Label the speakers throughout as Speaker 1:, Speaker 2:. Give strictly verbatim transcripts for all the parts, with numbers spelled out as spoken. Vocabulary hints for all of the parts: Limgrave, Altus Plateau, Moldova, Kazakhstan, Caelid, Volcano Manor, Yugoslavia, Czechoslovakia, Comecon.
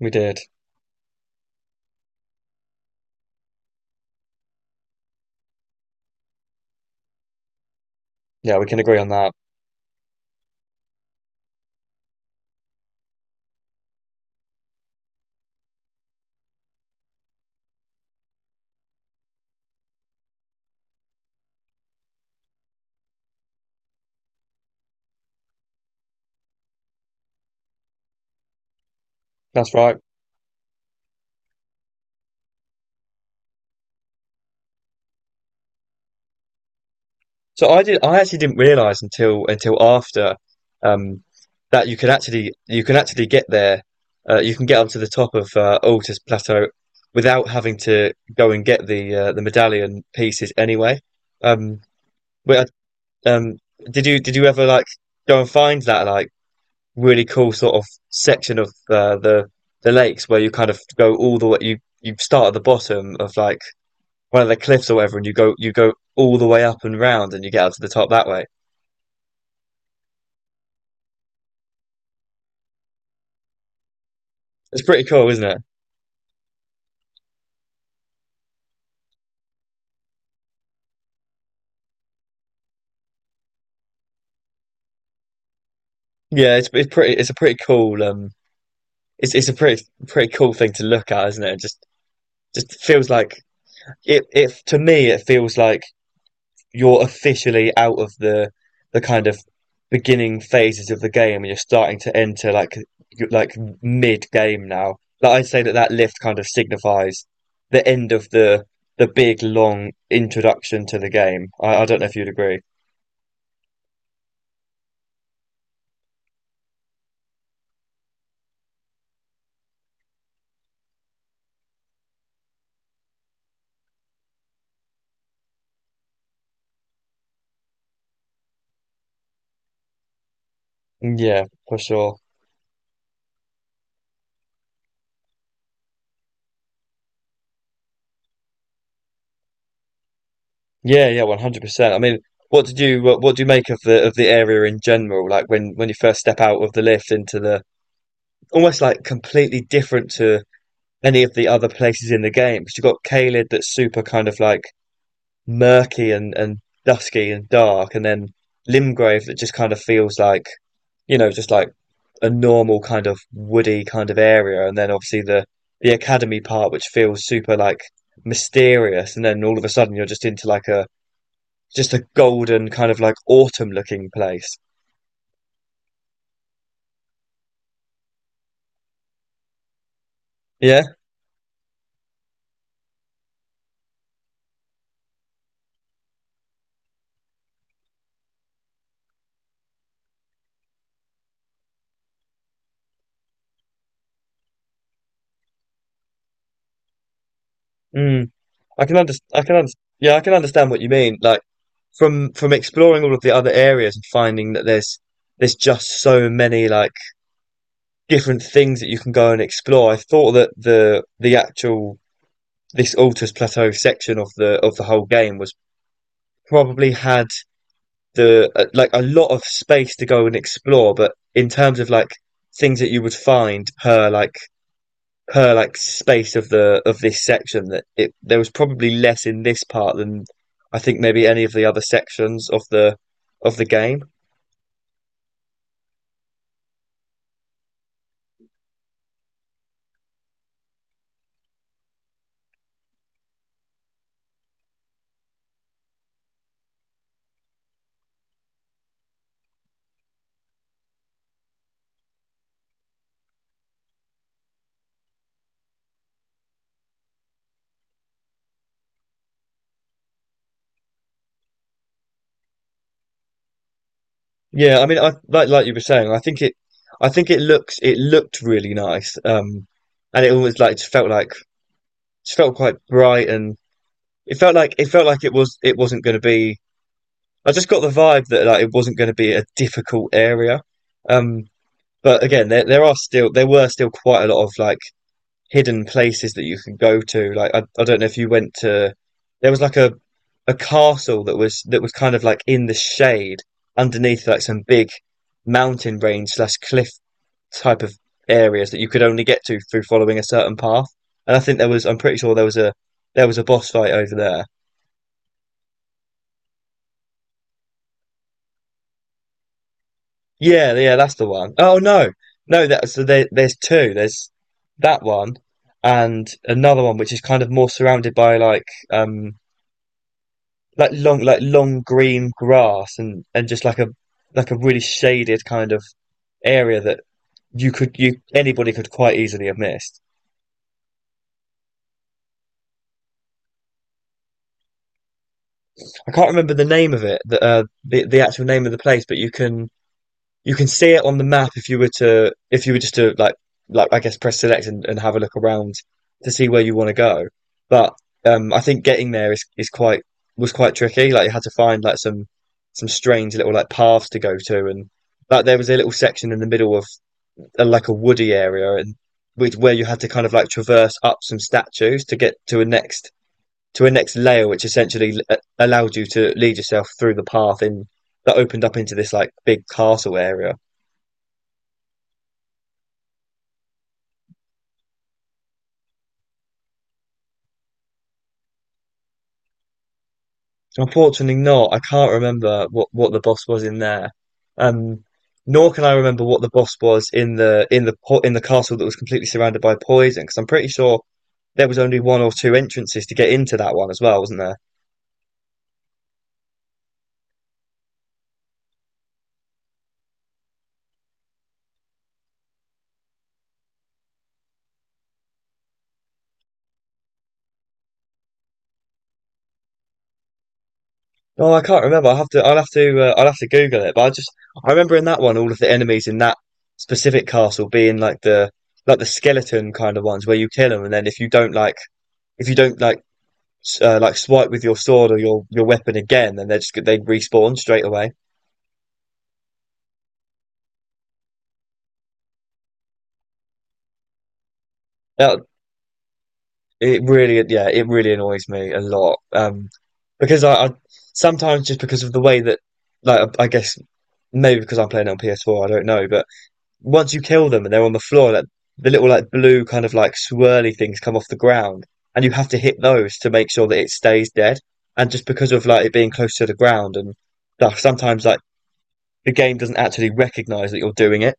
Speaker 1: We did. Yeah, we can agree on that. That's right. So I did. I actually didn't realize until until after um, that you could actually you can actually get there. Uh, you can get onto the top of uh, Altus Plateau without having to go and get the uh, the medallion pieces anyway. Um, but um, did you did you ever like go and find that like really cool sort of section of uh, the the lakes where you kind of go all the way you you start at the bottom of like one of the cliffs or whatever, and you go you go all the way up and round, and you get out to the top that way. It's pretty cool, isn't it? Yeah, it's it's pretty it's a pretty cool um it's it's a pretty pretty cool thing to look at, isn't it? It Just just feels like it it to me it feels like you're officially out of the the kind of beginning phases of the game, and you're starting to enter like you- like mid game now. Like I'd say that that lift kind of signifies the end of the the big long introduction to the game. I, I don't know if you'd agree. Yeah, for sure. Yeah, yeah, one hundred percent. I mean, what did you what, what do you make of the of the area in general? Like when when you first step out of the lift into the almost like completely different to any of the other places in the game because you've got Caelid that's super kind of like murky and and dusky and dark, and then Limgrave that just kind of feels like you know just like a normal kind of woody kind of area, and then obviously the the academy part, which feels super like mysterious, and then all of a sudden you're just into like a just a golden kind of like autumn looking place. Yeah, mm. I can understand. I can under Yeah, I can understand what you mean. Like from from exploring all of the other areas and finding that there's there's just so many like different things that you can go and explore. I thought that the the actual this Altus Plateau section of the of the whole game was probably had the uh, like a lot of space to go and explore, but in terms of like things that you would find per like per like space of the of this section, that it there was probably less in this part than I think maybe any of the other sections of the of the game. Yeah, I mean, I like like you were saying. I think it, I think it looks it looked really nice, um, and it almost like just felt like just felt quite bright, and it felt like it felt like it was it wasn't going to be. I just got the vibe that like it wasn't going to be a difficult area. Um, but again, there there are still there were still quite a lot of like hidden places that you can go to. Like I, I don't know if you went to there was like a a castle that was that was kind of like in the shade underneath like some big mountain range slash cliff type of areas that you could only get to through following a certain path. And I think there was I'm pretty sure there was a there was a boss fight over there. Yeah, yeah, that's the one. Oh no, no, that so there, there's two. There's that one and another one which is kind of more surrounded by like um like long like long green grass and and just like a like a really shaded kind of area that you could you anybody could quite easily have missed. I can't remember the name of it, the uh, the, the actual name of the place, but you can you can see it on the map if you were to if you were just to like like I guess press select, and, and have a look around to see where you want to go. But um, I think getting there is, is quite was quite tricky. Like you had to find like some some strange little like paths to go to, and like there was a little section in the middle of uh, like a woody area, and with where you had to kind of like traverse up some statues to get to a next to a next layer, which essentially uh, allowed you to lead yourself through the path in that opened up into this like big castle area. So unfortunately not. I can't remember what, what the boss was in there. Um, Nor can I remember what the boss was in the in the po- in the castle that was completely surrounded by poison, because I'm pretty sure there was only one or two entrances to get into that one as well, wasn't there? Oh, I can't remember. I'll have to I'll have to uh, I'll have to Google it. But I just I remember in that one all of the enemies in that specific castle being like the like the skeleton kind of ones where you kill them, and then if you don't like if you don't like uh, like swipe with your sword or your your weapon again, then they just they respawn straight away. That it really Yeah, it really annoys me a lot. Um, because I, I sometimes just because of the way that, like I guess maybe because I'm playing it on P S four, I don't know, but once you kill them and they're on the floor, like the little like blue kind of like swirly things come off the ground, and you have to hit those to make sure that it stays dead. And just because of like it being close to the ground and stuff, sometimes like the game doesn't actually recognize that you're doing it.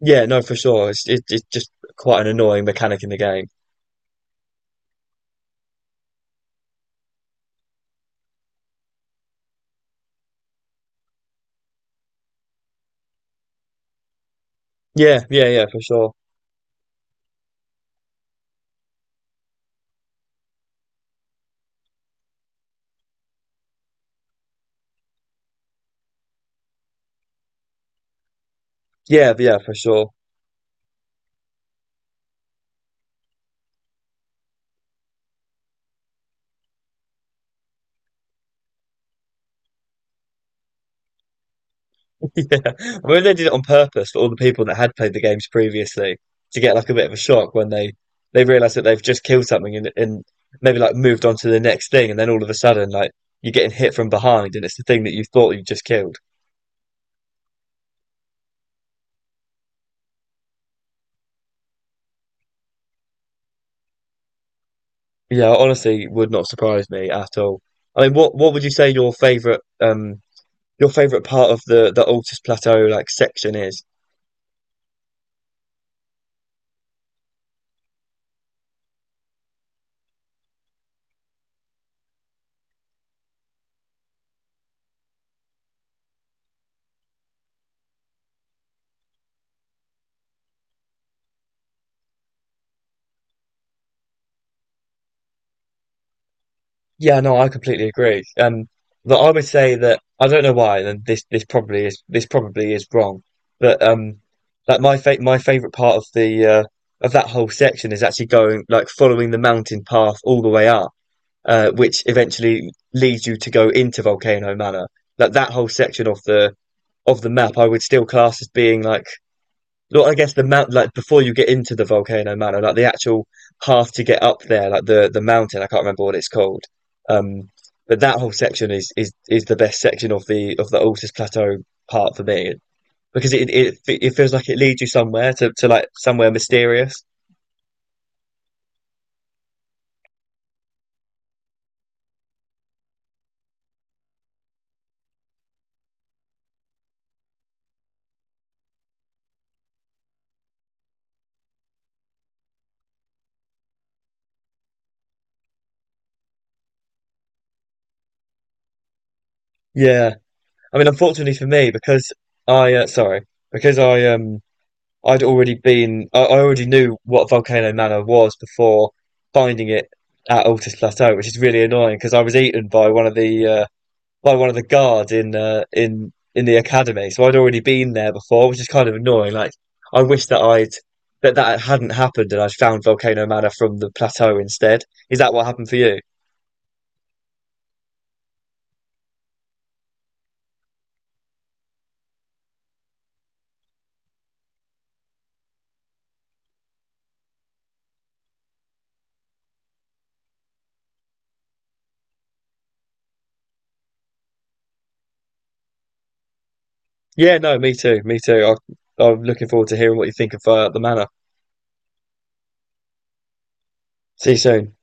Speaker 1: Yeah, no, for sure. It's it, it's just quite an annoying mechanic in the game. Yeah, yeah, yeah, for sure. Yeah, yeah, for sure. Yeah, I mean they did it on purpose for all the people that had played the games previously to get like a bit of a shock when they they realize that they've just killed something and and maybe like moved on to the next thing, and then all of a sudden like you're getting hit from behind, and it's the thing that you thought you just killed. Yeah, honestly, would not surprise me at all. I mean, what what would you say your favorite um your favorite part of the the Altus Plateau like section is? Yeah, no, I completely agree. Um, but I would say that I don't know why, and this this probably is this probably is wrong, but um, like my fa my favorite part of the uh of that whole section is actually going like following the mountain path all the way up, uh, which eventually leads you to go into Volcano Manor. Like that whole section of the of the map, I would still class as being like look, I guess the mount like before you get into the Volcano Mano, like the actual path to get up there, like the the mountain. I can't remember what it's called. Um, but that whole section is is is the best section of the of the Altus Plateau part for me because it it it feels like it leads you somewhere to to like somewhere mysterious. Yeah, I mean, unfortunately for me, because I uh, sorry, because I um I'd already been, I, I already knew what Volcano Manor was before finding it at Altus Plateau, which is really annoying because I was eaten by one of the uh, by one of the guards in uh, in in the academy. So I'd already been there before, which is kind of annoying. Like I wish that I'd that that hadn't happened and I'd found Volcano Manor from the plateau instead. Is that what happened for you? Yeah, no, me too, me too. I, I'm looking forward to hearing what you think of uh, the manor. See you soon.